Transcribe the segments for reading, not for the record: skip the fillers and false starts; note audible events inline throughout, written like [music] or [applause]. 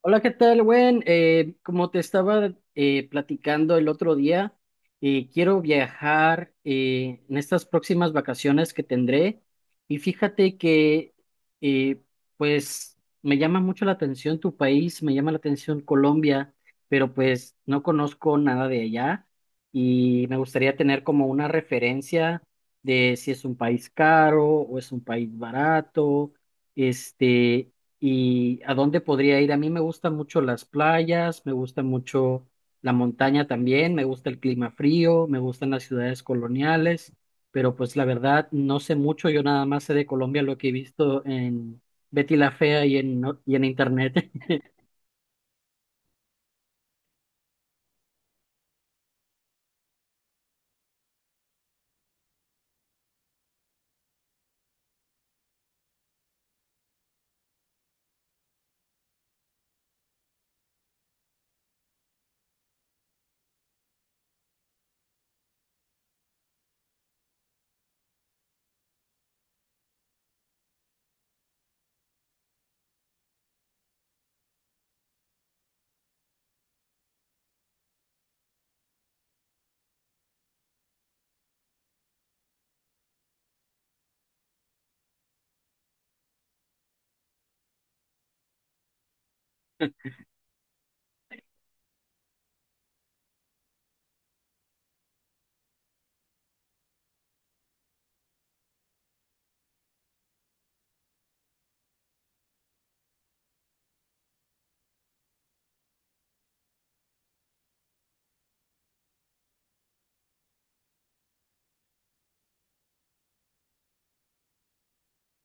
Hola, ¿qué tal, Gwen? Como te estaba platicando el otro día, quiero viajar en estas próximas vacaciones que tendré y fíjate que eh, pues me llama mucho la atención tu país, me llama la atención Colombia, pero pues no conozco nada de allá y me gustaría tener como una referencia de si es un país caro o es un país barato. Este, ¿y a dónde podría ir? A mí me gustan mucho las playas, me gusta mucho la montaña también, me gusta el clima frío, me gustan las ciudades coloniales, pero pues la verdad no sé mucho, yo nada más sé de Colombia lo que he visto en Betty la Fea y en, no- y en internet. [laughs]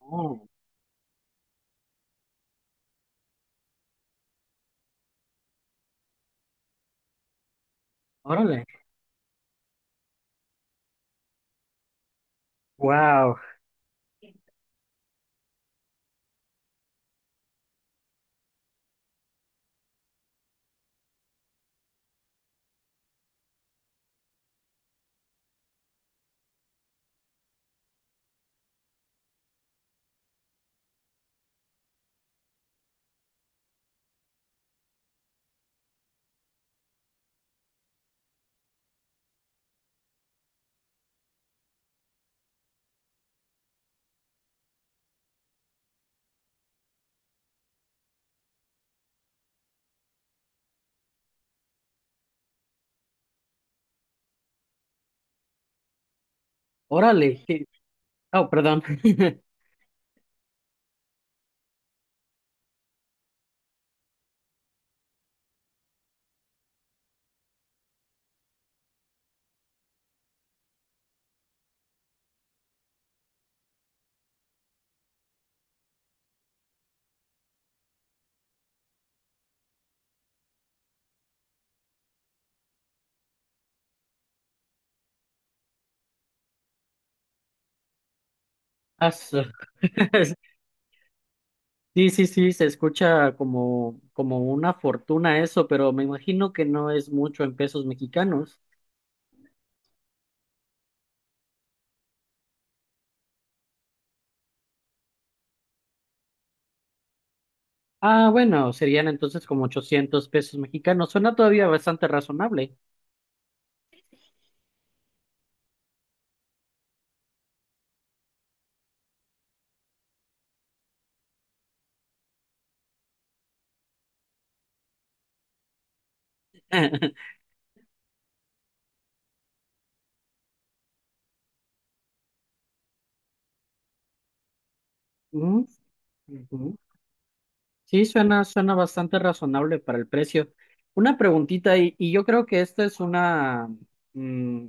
Oh, órale. Wow, órale, qué... Oh, perdón. [laughs] Ah, su... [laughs] Sí, sí, sí, se escucha como, como una fortuna eso, pero me imagino que no es mucho en pesos mexicanos. Ah, bueno, serían entonces como 800 pesos mexicanos. Suena todavía bastante razonable. [laughs] Mm, ujú. Sí, suena, suena bastante razonable para el precio. Una preguntita, y yo creo que esta es una mm,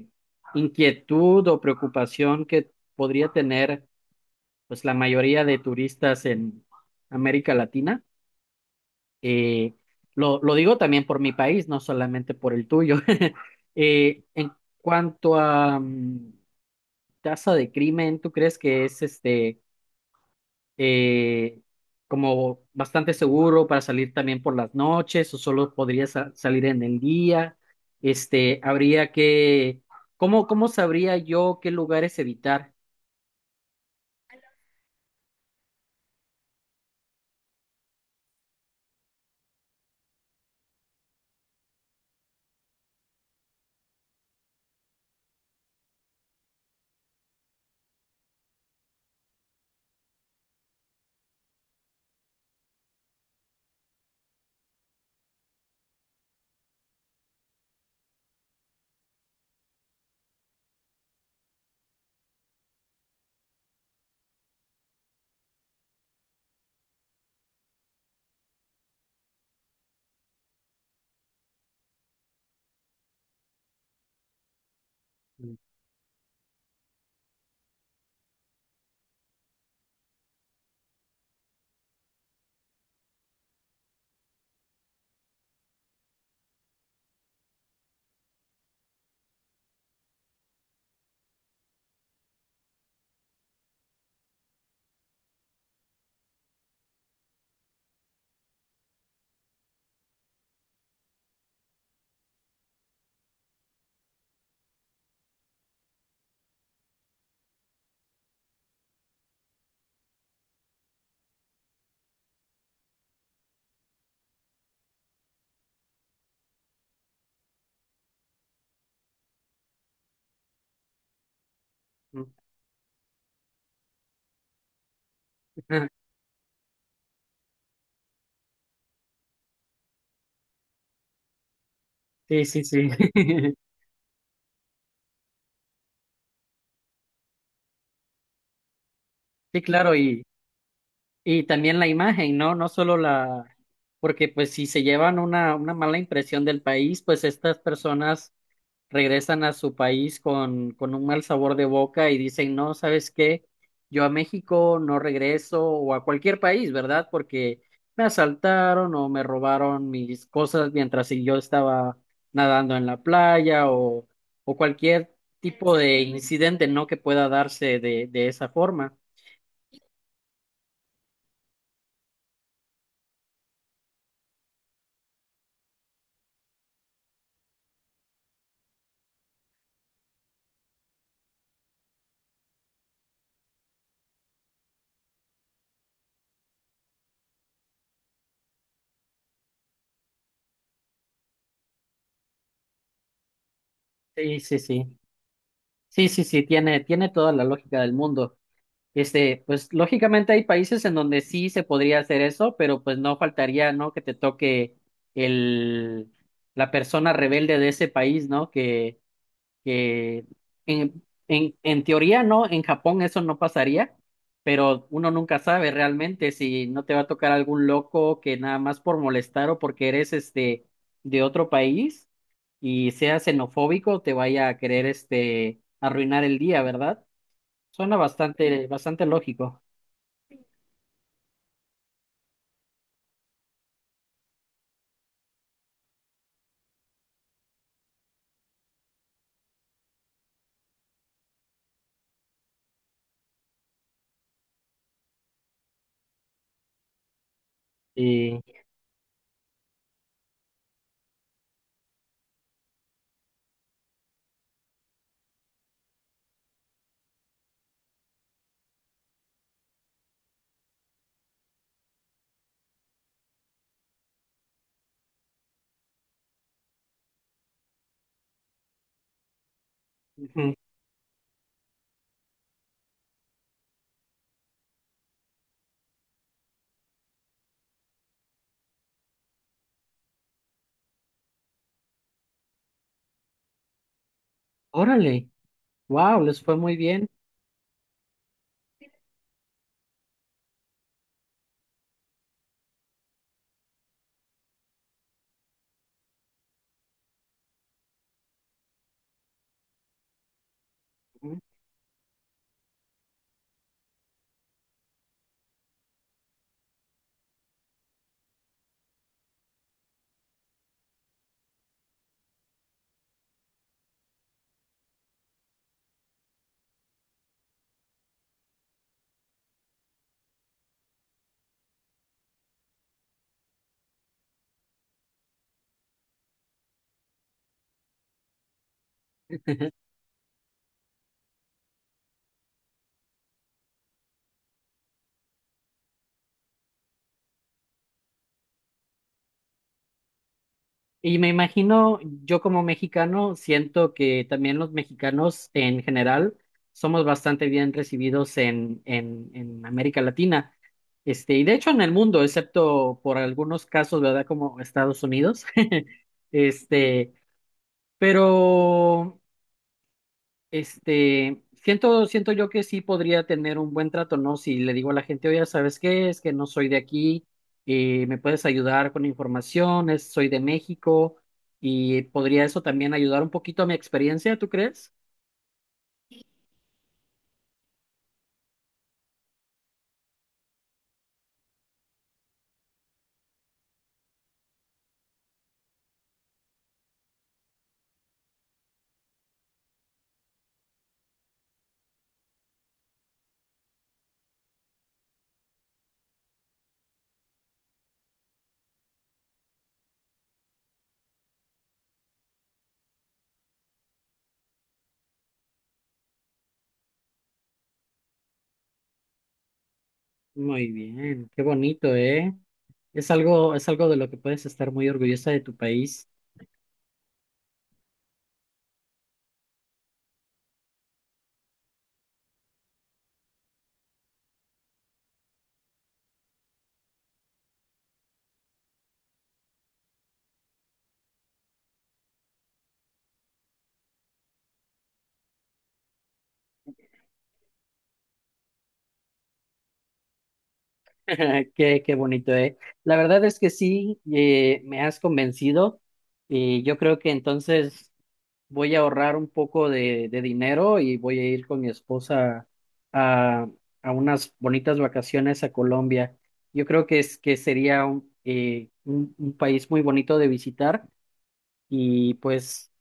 inquietud o preocupación que podría tener pues la mayoría de turistas en América Latina. Eh, lo digo también por mi país, no solamente por el tuyo. [laughs] En cuanto a casa de crimen, ¿tú crees que es este eh, como bastante seguro para salir también por las noches o solo podría salir en el día? Este, habría que, ¿cómo, cómo sabría yo qué lugares evitar? Ujú. [laughs] Sí, sí, sí. [laughs] Sí, claro, y también la imagen, ¿no? No solo la, porque pues si se llevan una mala impresión del país, pues estas personas regresan a su país con un mal sabor de boca y dicen, no, ¿sabes qué? Yo a México no regreso, o a cualquier país, ¿verdad? Porque me asaltaron o me robaron mis cosas mientras yo estaba nadando en la playa, o cualquier tipo de incidente, ¿no? Que pueda darse de esa forma. Sí, sí, sí. Sí, sí, sí, tiene, tiene toda la lógica del mundo. Este, pues lógicamente hay países en donde sí se podría hacer eso, pero pues no faltaría, ¿no? Que te toque el, la persona rebelde de ese país, ¿no? Que en, en teoría, ¿no? En Japón eso no pasaría, pero uno nunca sabe realmente si no te va a tocar algún loco que nada más por molestar, o porque eres este de otro país y sea xenofóbico, te vaya a querer este arruinar el día, ¿verdad? Suena bastante, bastante lógico. Y, ujú, órale. Wow, les fue muy bien. Ujú. [laughs] Y me imagino, yo como mexicano, siento que también los mexicanos en general somos bastante bien recibidos en América Latina. Este, y de hecho en el mundo, excepto por algunos casos, ¿verdad? Como Estados Unidos. [laughs] Este, pero este, siento, siento yo que sí podría tener un buen trato, ¿no? Si le digo a la gente, oye, ¿sabes qué? Es que no soy de aquí, me puedes ayudar con información. Soy de México, y podría eso también ayudar un poquito a mi experiencia, ¿tú crees? Muy bien, qué bonito, ¿eh? Es algo de lo que puedes estar muy orgullosa de tu país. [laughs] Qué, qué bonito, ¿eh? La verdad es que sí, me has convencido, y yo creo que entonces voy a ahorrar un poco de dinero y voy a ir con mi esposa a, a unas bonitas vacaciones a Colombia. Yo creo que es que sería un, un país muy bonito de visitar, y pues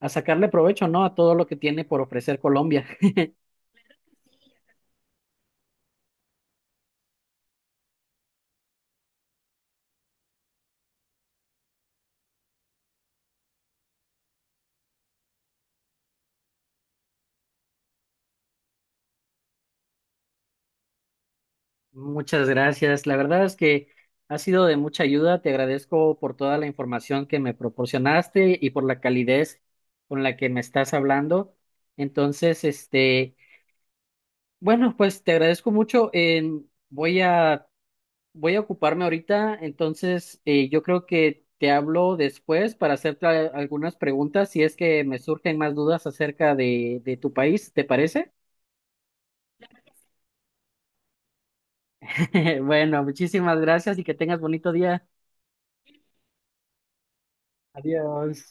a sacarle provecho, ¿no? A todo lo que tiene por ofrecer Colombia. [laughs] Muchas gracias. La verdad es que ha sido de mucha ayuda. Te agradezco por toda la información que me proporcionaste y por la calidez con la que me estás hablando. Entonces, este... Bueno, pues te agradezco mucho. Voy a, voy a ocuparme ahorita, entonces yo creo que te hablo después para hacerte algunas preguntas si es que me surgen más dudas acerca de tu país, ¿te parece? [laughs] Bueno, muchísimas gracias y que tengas bonito día. Adiós.